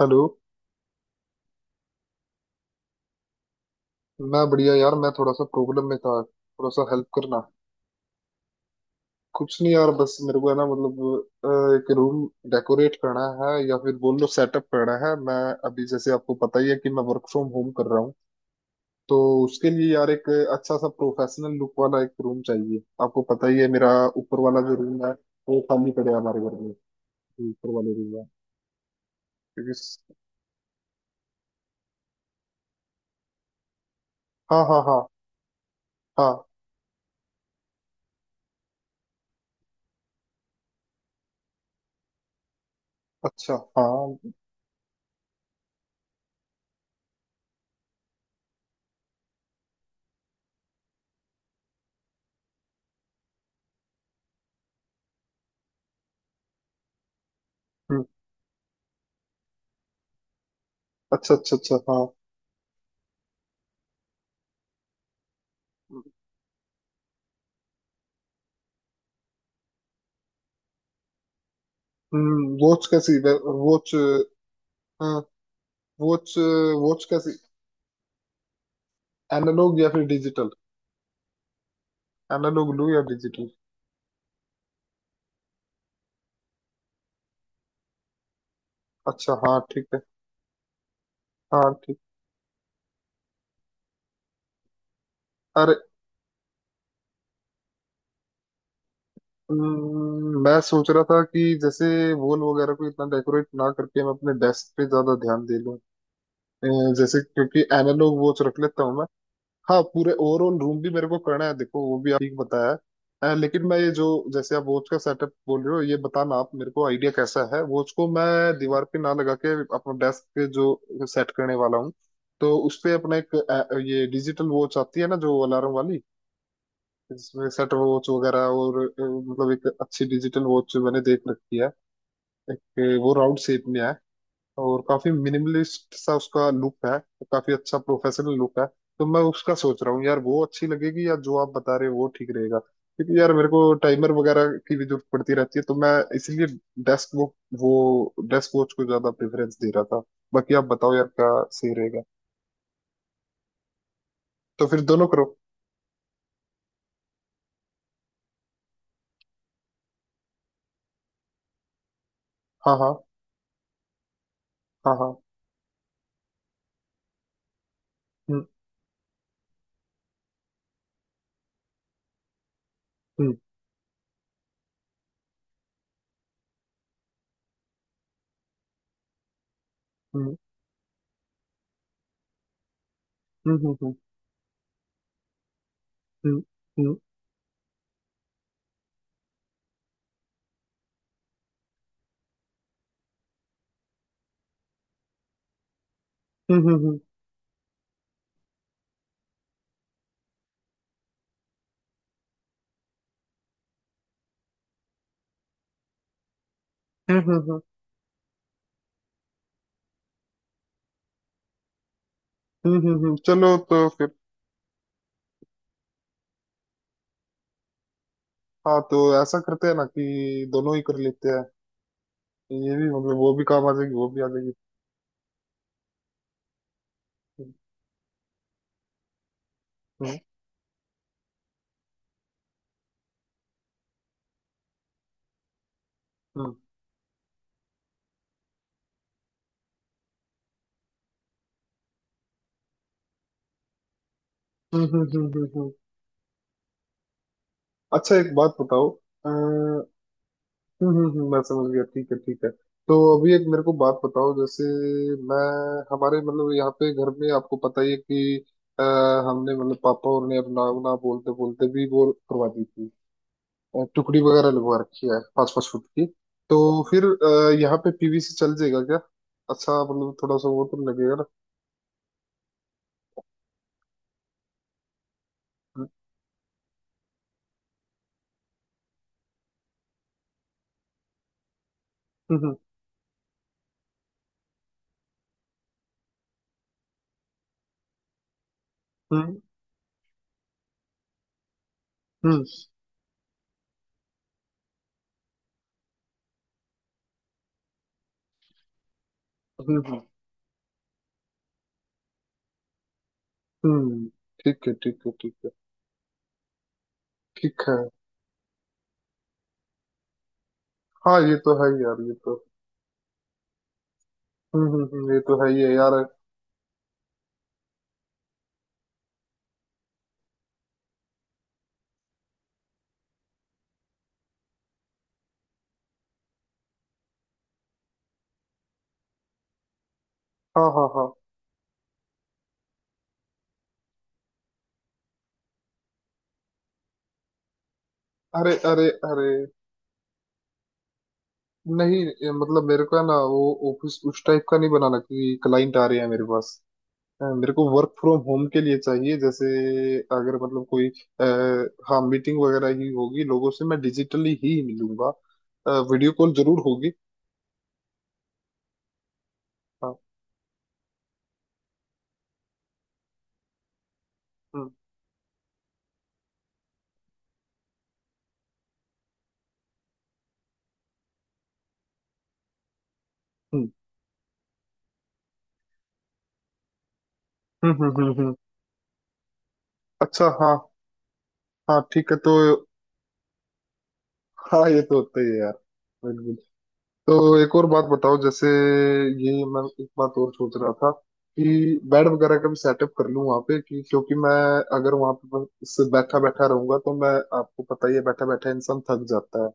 Hello. मैं बढ़िया यार, मैं थोड़ा सा प्रॉब्लम में था, थोड़ा सा हेल्प करना। कुछ नहीं यार, बस मेरे को है ना, मतलब अ, एक रूम डेकोरेट करना है, या फिर बोल लो सेटअप करना है। मैं अभी, जैसे आपको पता ही है, कि मैं वर्क फ्रॉम होम कर रहा हूँ। तो उसके लिए यार एक अच्छा सा प्रोफेशनल लुक वाला एक रूम चाहिए। आपको पता ही है मेरा ऊपर वाला जो रूम है, वो खाली पड़े हमारे घर में, जो ऊपर वाले रूम है क्योंकि। हाँ, हाँ, हाँ, हाँ। अच्छा हाँ। हम्म। अच्छा, अच्छा, अच्छा, हाँ। हम्म, वॉच? कैसी वॉच? वॉच? वॉच कैसी? एनालॉग या फिर डिजिटल? एनालॉग लूं या डिजिटल? अच्छा हाँ, ठीक है। हाँ, ठीक। अरे। मैं सोच रहा था कि जैसे वॉल वगैरह को इतना डेकोरेट ना करके मैं अपने डेस्क पे ज्यादा ध्यान दे लूं। अ, जैसे, क्योंकि एनालॉग वॉच रख लेता हूँ मैं। हाँ, पूरे ओवरऑल रूम भी मेरे को करना है, देखो वो भी आप ठीक बताया है, लेकिन मैं ये जो, जैसे आप वॉच का सेटअप बोल रहे हो, ये बताना आप मेरे को आइडिया कैसा है, वॉच को मैं दीवार पे ना लगा के अपना डेस्क पे जो सेट करने वाला हूँ, तो उस पे अपना एक ये डिजिटल वॉच आती है ना, जो अलार्म वाली, जिसमें सेट वॉच वगैरह, और मतलब एक अच्छी डिजिटल वॉच मैंने देख रखी है। एक वो राउंड शेप में है, और काफी मिनिमलिस्ट सा उसका लुक है, काफी अच्छा प्रोफेशनल लुक है। तो मैं उसका सोच रहा हूँ यार, वो अच्छी लगेगी या जो आप बता रहे हो वो ठीक रहेगा? क्योंकि यार मेरे को टाइमर वगैरह की भी जरूरत पड़ती रहती है, तो मैं इसलिए डेस्क वो डेस्क वॉच को ज्यादा प्रेफरेंस दे रहा था। बाकी आप बताओ यार, क्या सही रहेगा? तो फिर दोनों करो। हाँ, हाँ, हाँ, हाँ। हम्म, हम्म, हम्म, हम्म, हम्म, हम्म, हम्म, हम्म, हम्म, हम्म, हम्म, हम्म, हम्म, चलो तो फिर। हाँ, तो ऐसा करते हैं ना कि दोनों ही कर लेते हैं। ये भी मतलब, वो भी काम आ जाएगी, वो भी आ जाएगी। हम्म हम्म, हम्म, हम्म, हम्म, अच्छा, एक बात बताओ। हम्म, हम्म, मैं समझ गया, ठीक है, ठीक है। तो अभी एक मेरे को बात बताओ, जैसे मैं हमारे मतलब यहाँ पे घर में, आपको पता ही है कि अ, हमने मतलब पापा और ने अपना ना बोलते बोलते भी वो करवा दी थी, टुकड़ी वगैरह लगवा रखी है 5-5 फुट की। तो फिर यहाँ पे पीवी से चल जाएगा क्या? अच्छा, मतलब थोड़ा सा वो तो लगेगा ना। हम्म, हम्म, हम्म, हम्म, हम्म, हम्म। हम्म। ठीक है, ठीक है, ठीक है। ठीक है। हाँ, ये तो है यार, ये तो। हम्म, हम्म, ये तो है ही है यार। हाँ, हाँ, हाँ। अरे, अरे, अरे। नहीं, ये मतलब मेरे को है ना वो ऑफिस उस टाइप का नहीं बनाना, क्योंकि क्लाइंट आ रहे हैं मेरे पास। मेरे को वर्क फ्रॉम होम के लिए चाहिए। जैसे अगर मतलब कोई आ, हाँ, मीटिंग वगैरह ही होगी, लोगों से मैं डिजिटली ही मिलूंगा, वीडियो कॉल जरूर होगी। हाँ। हम्म, हम्म, हम्म, हम्म, अच्छा हाँ। हाँ, ठीक है तो। हाँ, ये तो होता ही है यार। तो एक और बात बताओ जैसे, ये मैं एक बात और सोच रहा था कि बेड वगैरह का भी सेटअप कर लूं वहां पे। कि क्योंकि मैं अगर वहां पे बस बैठा बैठा रहूंगा तो मैं, आपको पता ही है, बैठा बैठा इंसान थक जाता है।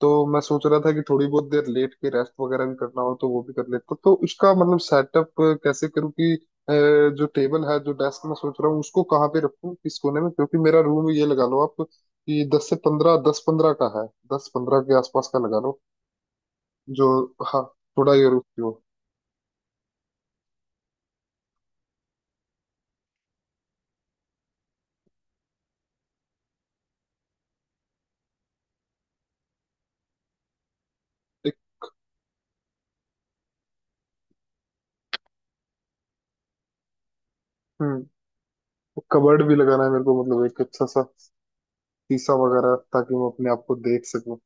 तो मैं सोच रहा था कि थोड़ी बहुत देर लेट के रेस्ट वगैरह भी करना हो तो वो भी कर लेता, तो उसका मतलब सेटअप कैसे करूँ कि अ, जो टेबल है, जो डेस्क मैं सोच रहा हूँ उसको कहाँ पे रखूँ, किस कोने में? क्योंकि मेरा रूम, ये लगा लो आप कि 10 से 15, 10-15 का है। 10-15 के आसपास का लगा लो जो। हाँ, थोड़ा ये रुकती हो। एक हम्म, कबर्ड भी लगाना है मेरे को, मतलब एक अच्छा सा शीशा वगैरह, ताकि मैं अपने आप को देख सकूं।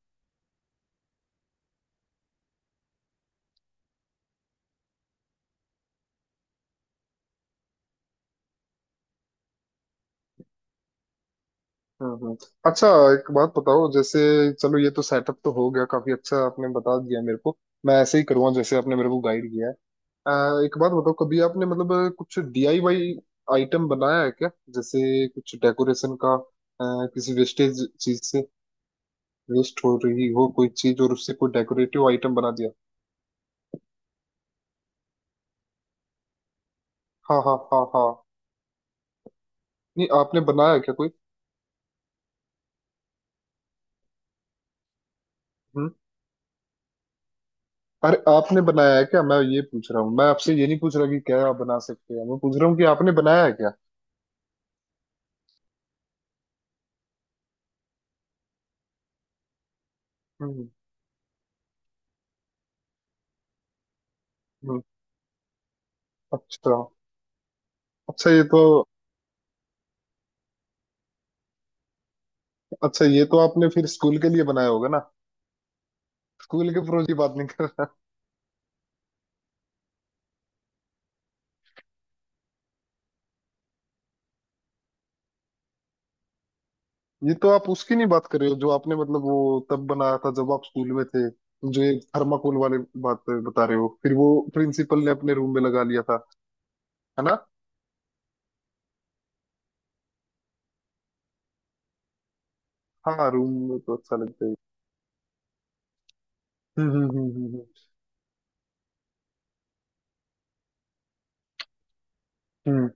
हम्म, हम्म। अच्छा, एक बात बताओ जैसे। चलो, ये तो सेटअप तो हो गया, काफी अच्छा आपने बता दिया मेरे को। मैं ऐसे ही करूँगा जैसे आपने मेरे को गाइड किया है। अ, एक बात बताओ, कभी आपने मतलब कुछ डीआईवाई आइटम बनाया है क्या, जैसे कुछ डेकोरेशन का, किसी वेस्टेज चीज से? वेस्ट हो रही हो कोई चीज और उससे कोई डेकोरेटिव आइटम बना दिया? हाँ, हाँ, हाँ, हाँ। नहीं, आपने बनाया क्या कोई? हम्म। अरे, आपने बनाया है क्या, मैं ये पूछ रहा हूँ। मैं आपसे ये नहीं पूछ रहा कि क्या आप बना सकते हैं, मैं पूछ रहा हूँ कि आपने बनाया है क्या। हम्म, हम्म, अच्छा। अच्छा ये तो, अच्छा ये तो आपने फिर स्कूल के लिए बनाया होगा ना? स्कूल के प्रोजेक्ट की बात नहीं कर रहा। ये तो आप उसकी नहीं बात कर रहे हो जो आपने मतलब वो तब बनाया था जब आप स्कूल में थे, जो ये थर्माकोल वाले बात बता रहे हो फिर, वो प्रिंसिपल ने अपने रूम में लगा लिया था, है ना? हाँ, रूम में तो अच्छा लगता है। हम्म, हम्म, हम्म, हम्म, हम्म।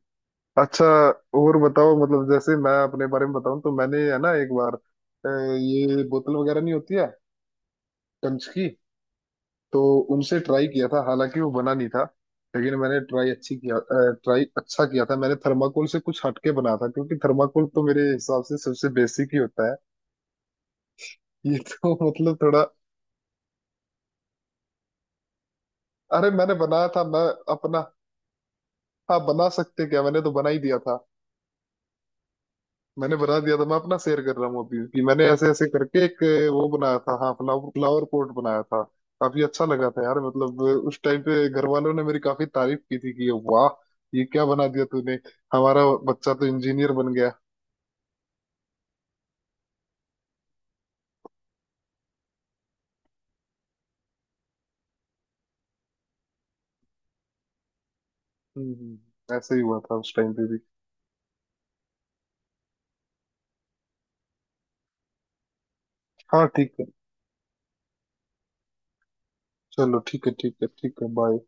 अच्छा। और बताओ, मतलब जैसे मैं अपने बारे में बताऊं तो मैंने है ना एक बार ये बोतल वगैरह नहीं होती है कंच की, तो उनसे ट्राई किया था, हालांकि वो बना नहीं था, लेकिन मैंने ट्राई अच्छी किया। ट्राई अच्छा किया था, मैंने थर्माकोल से कुछ हटके बना था, क्योंकि थर्माकोल तो मेरे हिसाब से सबसे बेसिक ही होता है। ये तो मतलब थोड़ा। अरे, मैंने बनाया था मैं अपना, हाँ, बना सकते क्या, मैंने तो बना ही दिया था। मैंने बना दिया था, मैं अपना शेयर कर रहा हूँ अभी कि मैंने ऐसे ऐसे करके एक वो बनाया था, हाँ, फ्लावर फ्लावर पॉट बनाया था। काफी अच्छा लगा था यार, मतलब उस टाइम पे घर वालों ने मेरी काफी तारीफ की थी कि वाह, ये क्या बना दिया तूने, हमारा बच्चा तो इंजीनियर बन गया। हम्म, ऐसे ही हुआ था उस टाइम पे भी। हाँ, ठीक है। चलो, ठीक है, ठीक है, ठीक है, बाय।